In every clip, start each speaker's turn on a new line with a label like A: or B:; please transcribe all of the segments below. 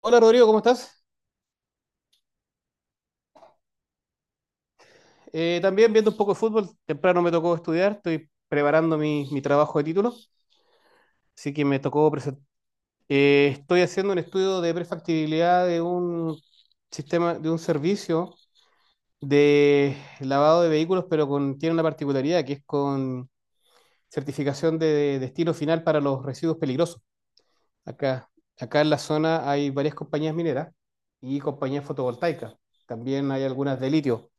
A: Hola Rodrigo, ¿cómo estás? También viendo un poco de fútbol, temprano me tocó estudiar, estoy preparando mi trabajo de título, así que me tocó presentar. Estoy haciendo un estudio de prefactibilidad de un sistema, de un servicio de lavado de vehículos, pero tiene una particularidad que es con certificación de destino final para los residuos peligrosos. Acá, acá, en la zona hay varias compañías mineras y compañías fotovoltaicas. También hay algunas de litio.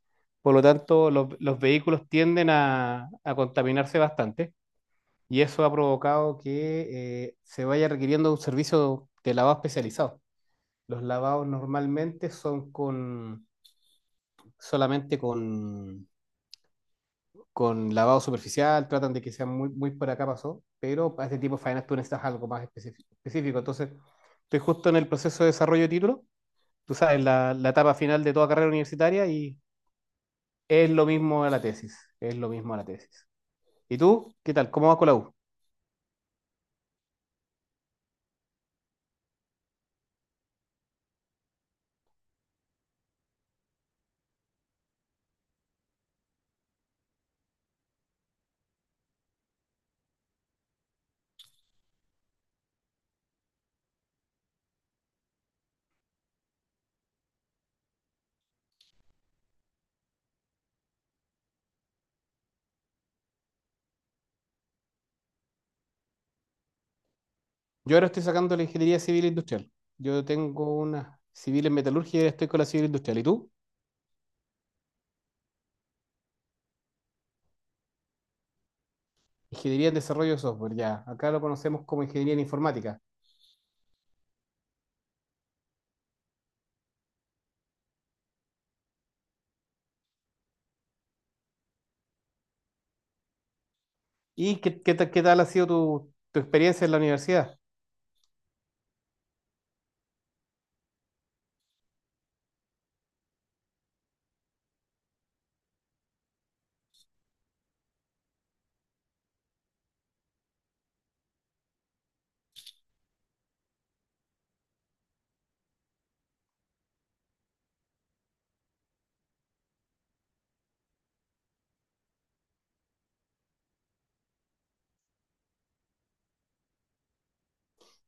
A: Por lo tanto, los vehículos tienden a contaminarse bastante y eso ha provocado que se vaya requiriendo un servicio de lavado especializado. Los lavados normalmente son solamente con lavado superficial, tratan de que sean muy, muy por acá pasó, pero para este tipo de faenas tú necesitas algo más específico. Entonces, estoy justo en el proceso de desarrollo de título. Tú sabes, la etapa final de toda carrera universitaria. Y es lo mismo a la tesis, es lo mismo a la tesis. ¿Y tú? ¿Qué tal? ¿Cómo vas con la U? Yo ahora estoy sacando la ingeniería civil e industrial. Yo tengo una civil en metalurgia y ahora estoy con la civil industrial. ¿Y tú? Ingeniería en desarrollo de software, ya. Acá lo conocemos como ingeniería en informática. ¿Y qué tal ha sido tu experiencia en la universidad?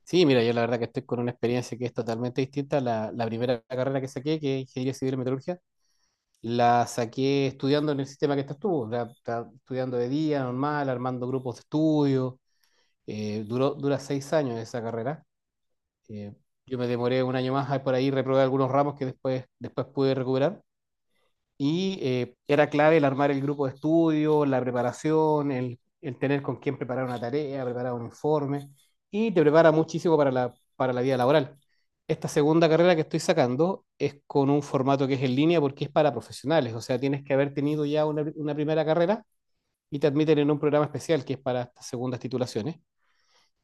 A: Sí, mira, yo la verdad que estoy con una experiencia que es totalmente distinta a la primera carrera que saqué, que es ingeniería civil en metalurgia. La saqué estudiando en el sistema que estás tú, estudiando de día, normal, armando grupos de estudio. Dura 6 años esa carrera. Eh, yo me demoré un año más, ahí por ahí reprobé algunos ramos que después pude recuperar. Y era clave el armar el grupo de estudio, la preparación, el tener con quién preparar una tarea, preparar un informe, y te prepara muchísimo para la vida laboral. Esta segunda carrera que estoy sacando es con un formato que es en línea porque es para profesionales, o sea, tienes que haber tenido ya una primera carrera y te admiten en un programa especial que es para estas segundas titulaciones.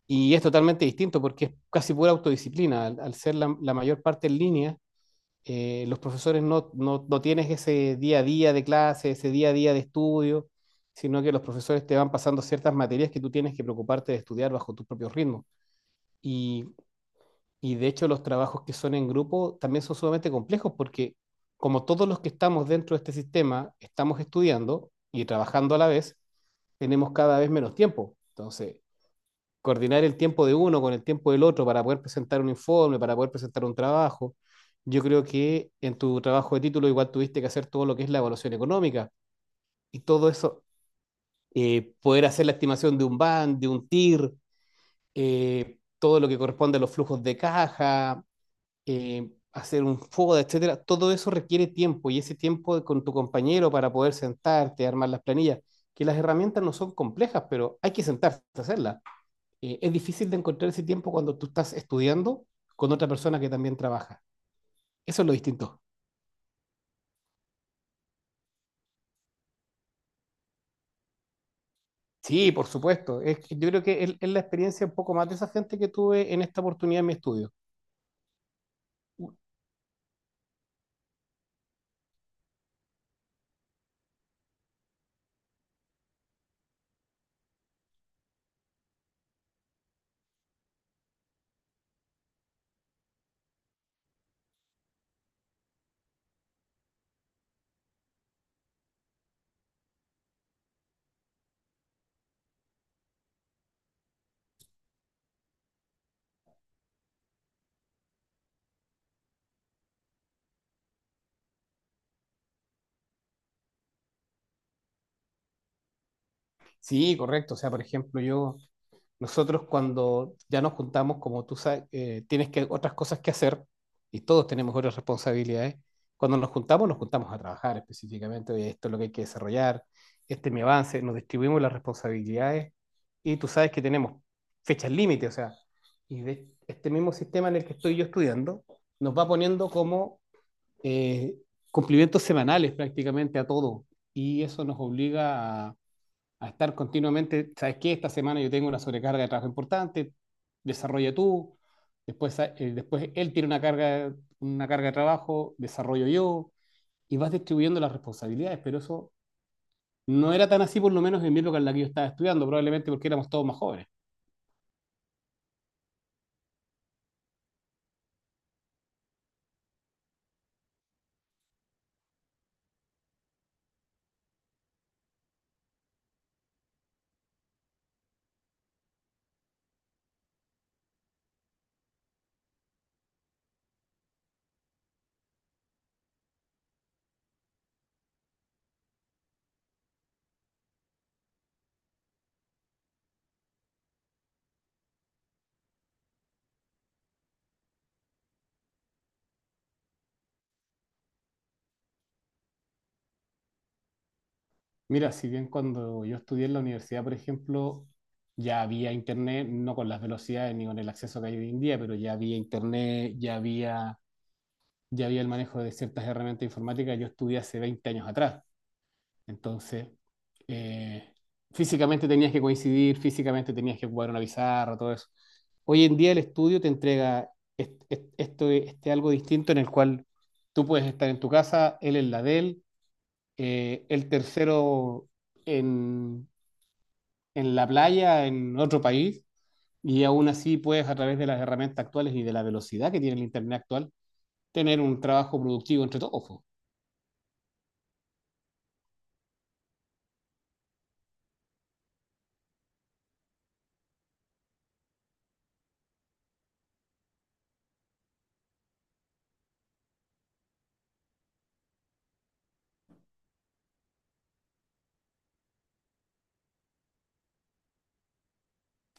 A: Y es totalmente distinto porque es casi pura autodisciplina, al ser la mayor parte en línea. Los profesores no tienes ese día a día de clase, ese día a día de estudio, sino que los profesores te van pasando ciertas materias que tú tienes que preocuparte de estudiar bajo tus propios ritmos. Y, y de hecho los trabajos que son en grupo también son sumamente complejos porque como todos los que estamos dentro de este sistema estamos estudiando y trabajando a la vez, tenemos cada vez menos tiempo. Entonces, coordinar el tiempo de uno con el tiempo del otro para poder presentar un informe, para poder presentar un trabajo. Yo creo que en tu trabajo de título igual tuviste que hacer todo lo que es la evaluación económica y todo eso, poder hacer la estimación de un BAN, de un TIR, todo lo que corresponde a los flujos de caja, hacer un FODA, etcétera. Todo eso requiere tiempo y ese tiempo con tu compañero para poder sentarte, armar las planillas, que las herramientas no son complejas, pero hay que sentarse a hacerlas. Es difícil de encontrar ese tiempo cuando tú estás estudiando con otra persona que también trabaja. Eso es lo distinto. Sí, por supuesto. Que yo creo que es la experiencia un poco más de esa gente que tuve en esta oportunidad en mi estudio. Sí, correcto. O sea, por ejemplo, nosotros cuando ya nos juntamos, como tú sabes, tienes que otras cosas que hacer y todos tenemos otras responsabilidades. Cuando nos juntamos a trabajar específicamente. Oye, esto es lo que hay que desarrollar, este es mi avance, nos distribuimos las responsabilidades y tú sabes que tenemos fechas límite, o sea, y de este mismo sistema en el que estoy yo estudiando, nos va poniendo como eh, cumplimientos semanales prácticamente a todo y eso nos obliga a estar continuamente, ¿sabes qué? Esta semana yo tengo una sobrecarga de trabajo importante, desarrolla tú, después él tiene una carga de trabajo, desarrollo yo, y vas distribuyendo las responsabilidades, pero eso no era tan así por lo menos en mi época en la que yo estaba estudiando, probablemente porque éramos todos más jóvenes. Mira, si bien cuando yo estudié en la universidad, por ejemplo, ya había internet, no con las velocidades ni con el acceso que hay hoy en día, pero ya había internet, ya había el manejo de ciertas herramientas informáticas, yo estudié hace 20 años atrás. Entonces, eh, físicamente tenías que coincidir, físicamente tenías que ocupar una pizarra, todo eso. Hoy en día el estudio te entrega este algo distinto en el cual tú puedes estar en tu casa, él en la de él, el tercero en, en la playa, en otro país, y aún así puedes a través de las herramientas actuales y de la velocidad que tiene el Internet actual, tener un trabajo productivo entre todos.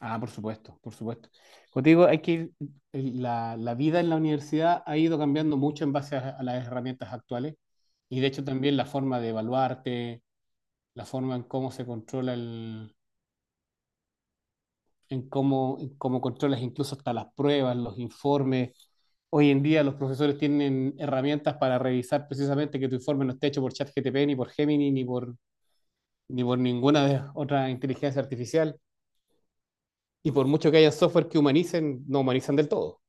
A: Ah, por supuesto, por supuesto. Como te digo, hay que ir, la vida en la universidad ha ido cambiando mucho en base a las herramientas actuales y de hecho también la forma de evaluarte, la forma en cómo en cómo controlas incluso hasta las pruebas, los informes. Hoy en día los profesores tienen herramientas para revisar precisamente que tu informe no esté hecho por ChatGPT, ni por Gemini, ni por ninguna de otra inteligencia artificial. Y por mucho que haya software que humanicen, no humanizan del todo.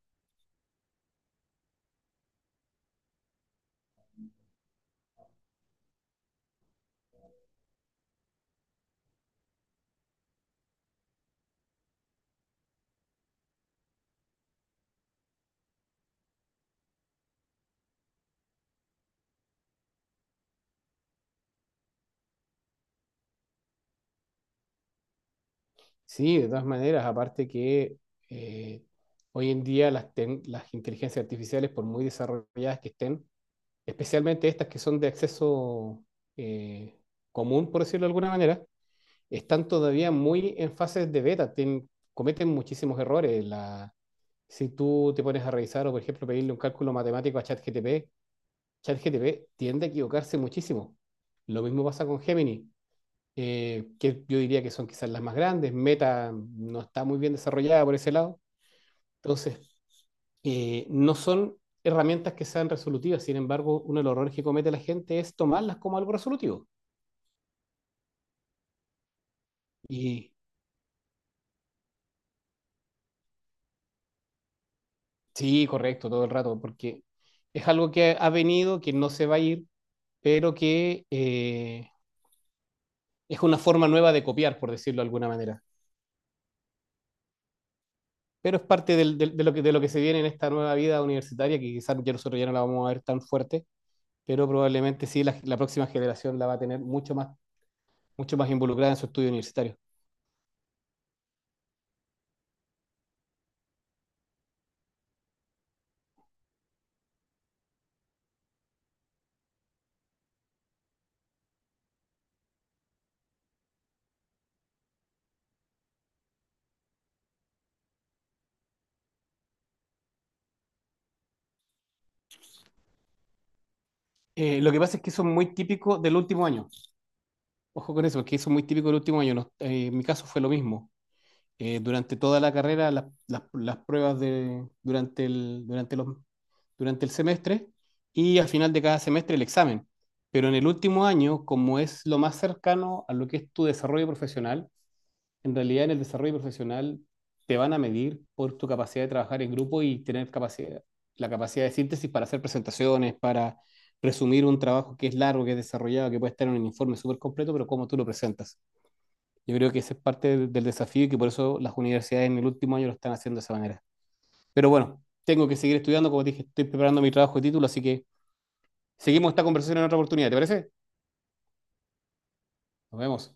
A: Sí, de todas maneras, aparte que eh, hoy en día las inteligencias artificiales, por muy desarrolladas que estén, especialmente estas que son de acceso eh, común, por decirlo de alguna manera, están todavía muy en fases de beta, cometen muchísimos errores. Si tú te pones a revisar o, por ejemplo, pedirle un cálculo matemático a ChatGTP, ChatGTP tiende a equivocarse muchísimo. Lo mismo pasa con Gemini que yo diría que son quizás las más grandes. Meta no está muy bien desarrollada por ese lado. Entonces, no son herramientas que sean resolutivas. Sin embargo, uno de los errores que comete la gente es tomarlas como algo resolutivo. Y sí, correcto, todo el rato, porque es algo que ha venido, que no se va a ir, pero que es una forma nueva de copiar, por decirlo de alguna manera. Pero es parte de lo que se viene en esta nueva vida universitaria, que quizás ya nosotros ya no la vamos a ver tan fuerte, pero probablemente sí la próxima generación la va a tener mucho más involucrada en su estudio universitario. Lo que pasa es que eso es muy típico del último año. Ojo con eso, porque eso es muy típico del último año. En mi caso fue lo mismo. Durante toda la carrera las pruebas de, durante el, durante los, durante el semestre y al final de cada semestre el examen. Pero en el último año, como es lo más cercano a lo que es tu desarrollo profesional, en realidad en el desarrollo profesional te van a medir por tu capacidad de trabajar en grupo y la capacidad de síntesis para hacer presentaciones, para resumir un trabajo que es largo, que es desarrollado, que puede estar en un informe súper completo, pero cómo tú lo presentas. Yo creo que ese es parte del desafío y que por eso las universidades en el último año lo están haciendo de esa manera. Pero bueno, tengo que seguir estudiando, como te dije, estoy preparando mi trabajo de título, así que seguimos esta conversación en otra oportunidad, ¿te parece? Nos vemos.